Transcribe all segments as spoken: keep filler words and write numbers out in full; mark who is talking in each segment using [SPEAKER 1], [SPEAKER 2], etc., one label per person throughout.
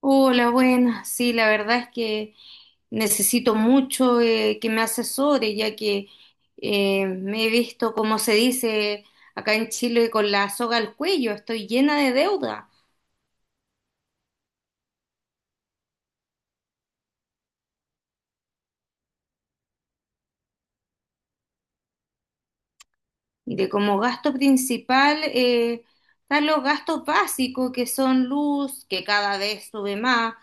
[SPEAKER 1] Hola, buenas. Sí, la verdad es que necesito mucho eh, que me asesore, ya que eh, me he visto, como se dice acá en Chile, con la soga al cuello. Estoy llena de deuda. De como gasto principal eh, están los gastos básicos, que son luz, que cada vez sube más,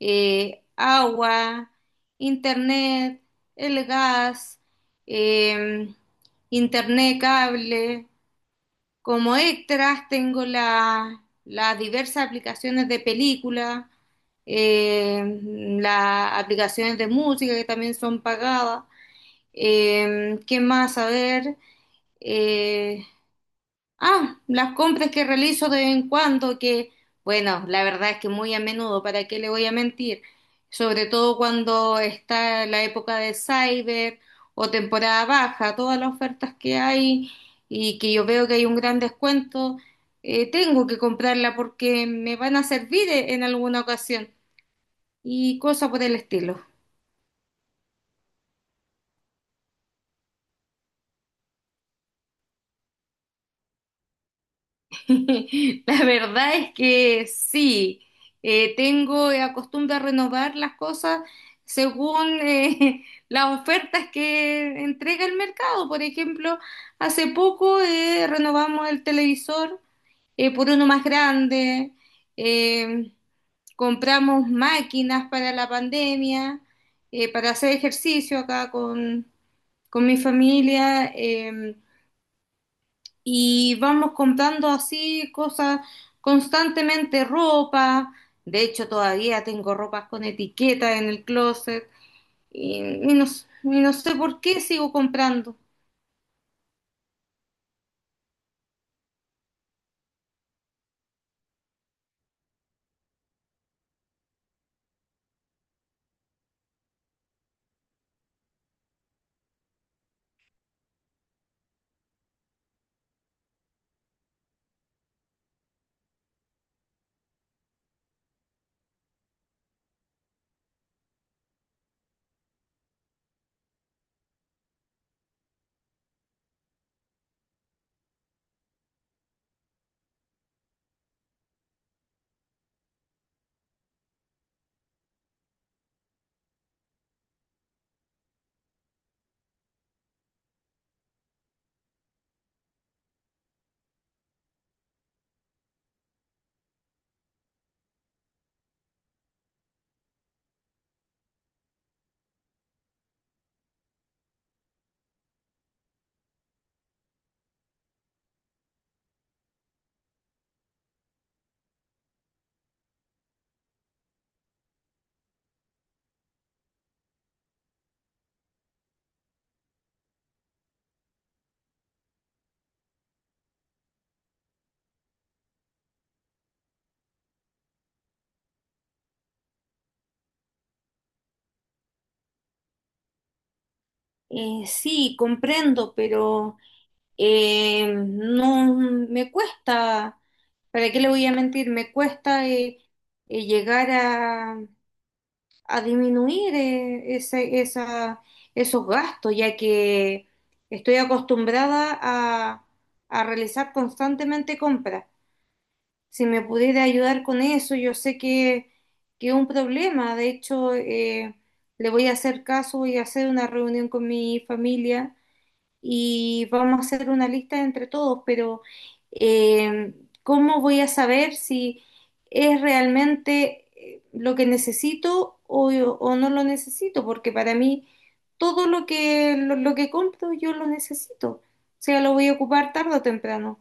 [SPEAKER 1] eh, agua, internet, el gas, eh, internet, cable. Como extras tengo la- las diversas aplicaciones de película, eh, las aplicaciones de música que también son pagadas. Eh, ¿qué más? A ver, eh, ah, las compras que realizo de vez en cuando, que bueno, la verdad es que muy a menudo, ¿para qué le voy a mentir? Sobre todo cuando está la época de Cyber o temporada baja, todas las ofertas que hay y que yo veo que hay un gran descuento, eh, tengo que comprarla porque me van a servir eh, en alguna ocasión y cosas por el estilo. La verdad es que sí, eh, tengo la costumbre de renovar las cosas según eh, las ofertas que entrega el mercado. Por ejemplo, hace poco eh, renovamos el televisor eh, por uno más grande, eh, compramos máquinas para la pandemia, eh, para hacer ejercicio acá con, con mi familia. Eh, y vamos comprando así cosas constantemente, ropa. De hecho, todavía tengo ropas con etiqueta en el closet y, y no, s- y no sé por qué sigo comprando. Eh, sí, comprendo, pero eh, no me cuesta, ¿para qué le voy a mentir? Me cuesta eh, eh, llegar a disminuir eh, ese- esa- esos gastos, ya que estoy acostumbrada a, a realizar constantemente compras. Si me pudiera ayudar con eso, yo sé que, que es un problema. De hecho, eh, le voy a hacer caso, voy a hacer una reunión con mi familia y vamos a hacer una lista entre todos, pero eh, ¿cómo voy a saber si es realmente eh, lo que necesito o, o no lo necesito? Porque para mí todo lo que, lo, lo que compro yo lo necesito, o sea, lo voy a ocupar tarde o temprano.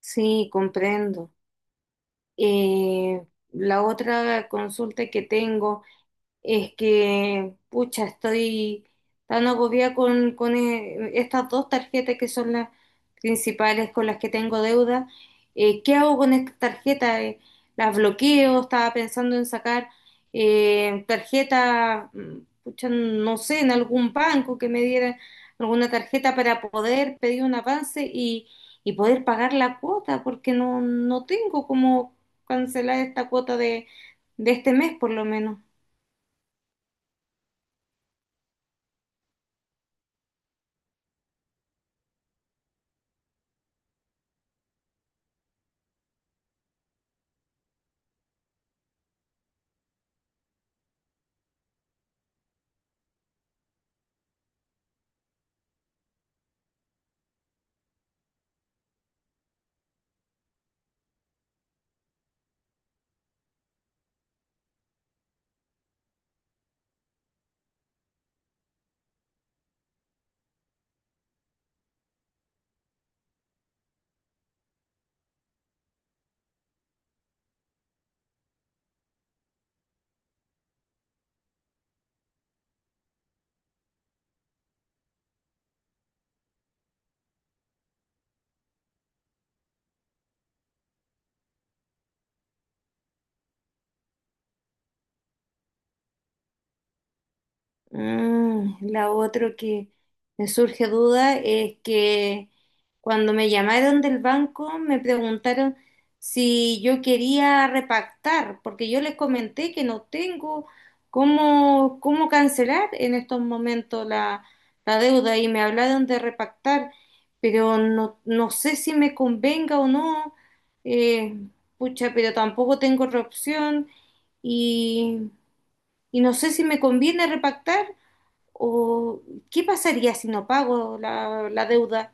[SPEAKER 1] Sí, comprendo. Eh, la otra consulta que tengo... Es que, pucha, estoy tan agobiada con, con eh, estas dos tarjetas que son las principales con las que tengo deuda. Eh, ¿qué hago con estas tarjetas? Eh, ¿las bloqueo? Estaba pensando en sacar eh, tarjeta, mm, pucha, no sé, en algún banco que me diera alguna tarjeta para poder pedir un avance y, y poder pagar la cuota, porque no, no tengo cómo cancelar esta cuota de, de este mes por lo menos. Mm, la otra que me surge duda es que cuando me llamaron del banco me preguntaron si yo quería repactar, porque yo les comenté que no tengo cómo, cómo cancelar en estos momentos la, la deuda y me hablaron de repactar, pero no, no sé si me convenga o no, eh, pucha, pero tampoco tengo otra opción y, y no sé si me conviene repactar. ¿O qué pasaría si no pago la, la deuda?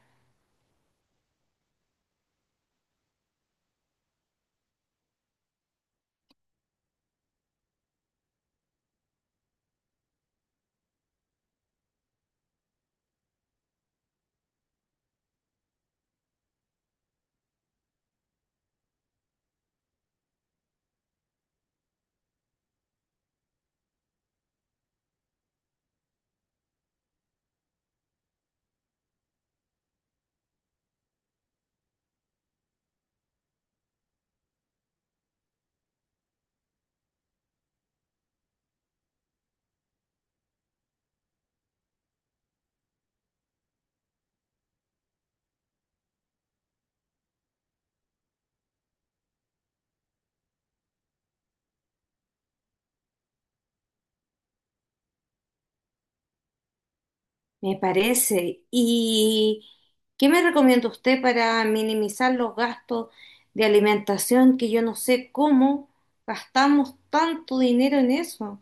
[SPEAKER 1] Me parece. ¿Y qué me recomienda usted para minimizar los gastos de alimentación que yo no sé cómo gastamos tanto dinero en eso?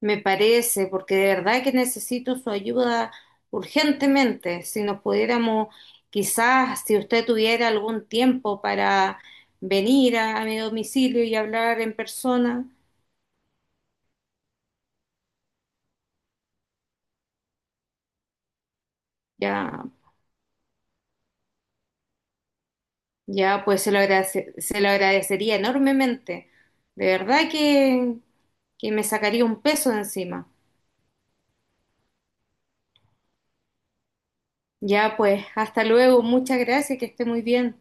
[SPEAKER 1] Me parece, porque de verdad que necesito su ayuda urgentemente. Si nos pudiéramos, quizás, si usted tuviera algún tiempo para venir a, a mi domicilio y hablar en persona, ya. Ya, pues se lo agradece- se lo agradecería enormemente. De verdad que, que me sacaría un peso de encima. Ya, pues, hasta luego. Muchas gracias, que esté muy bien.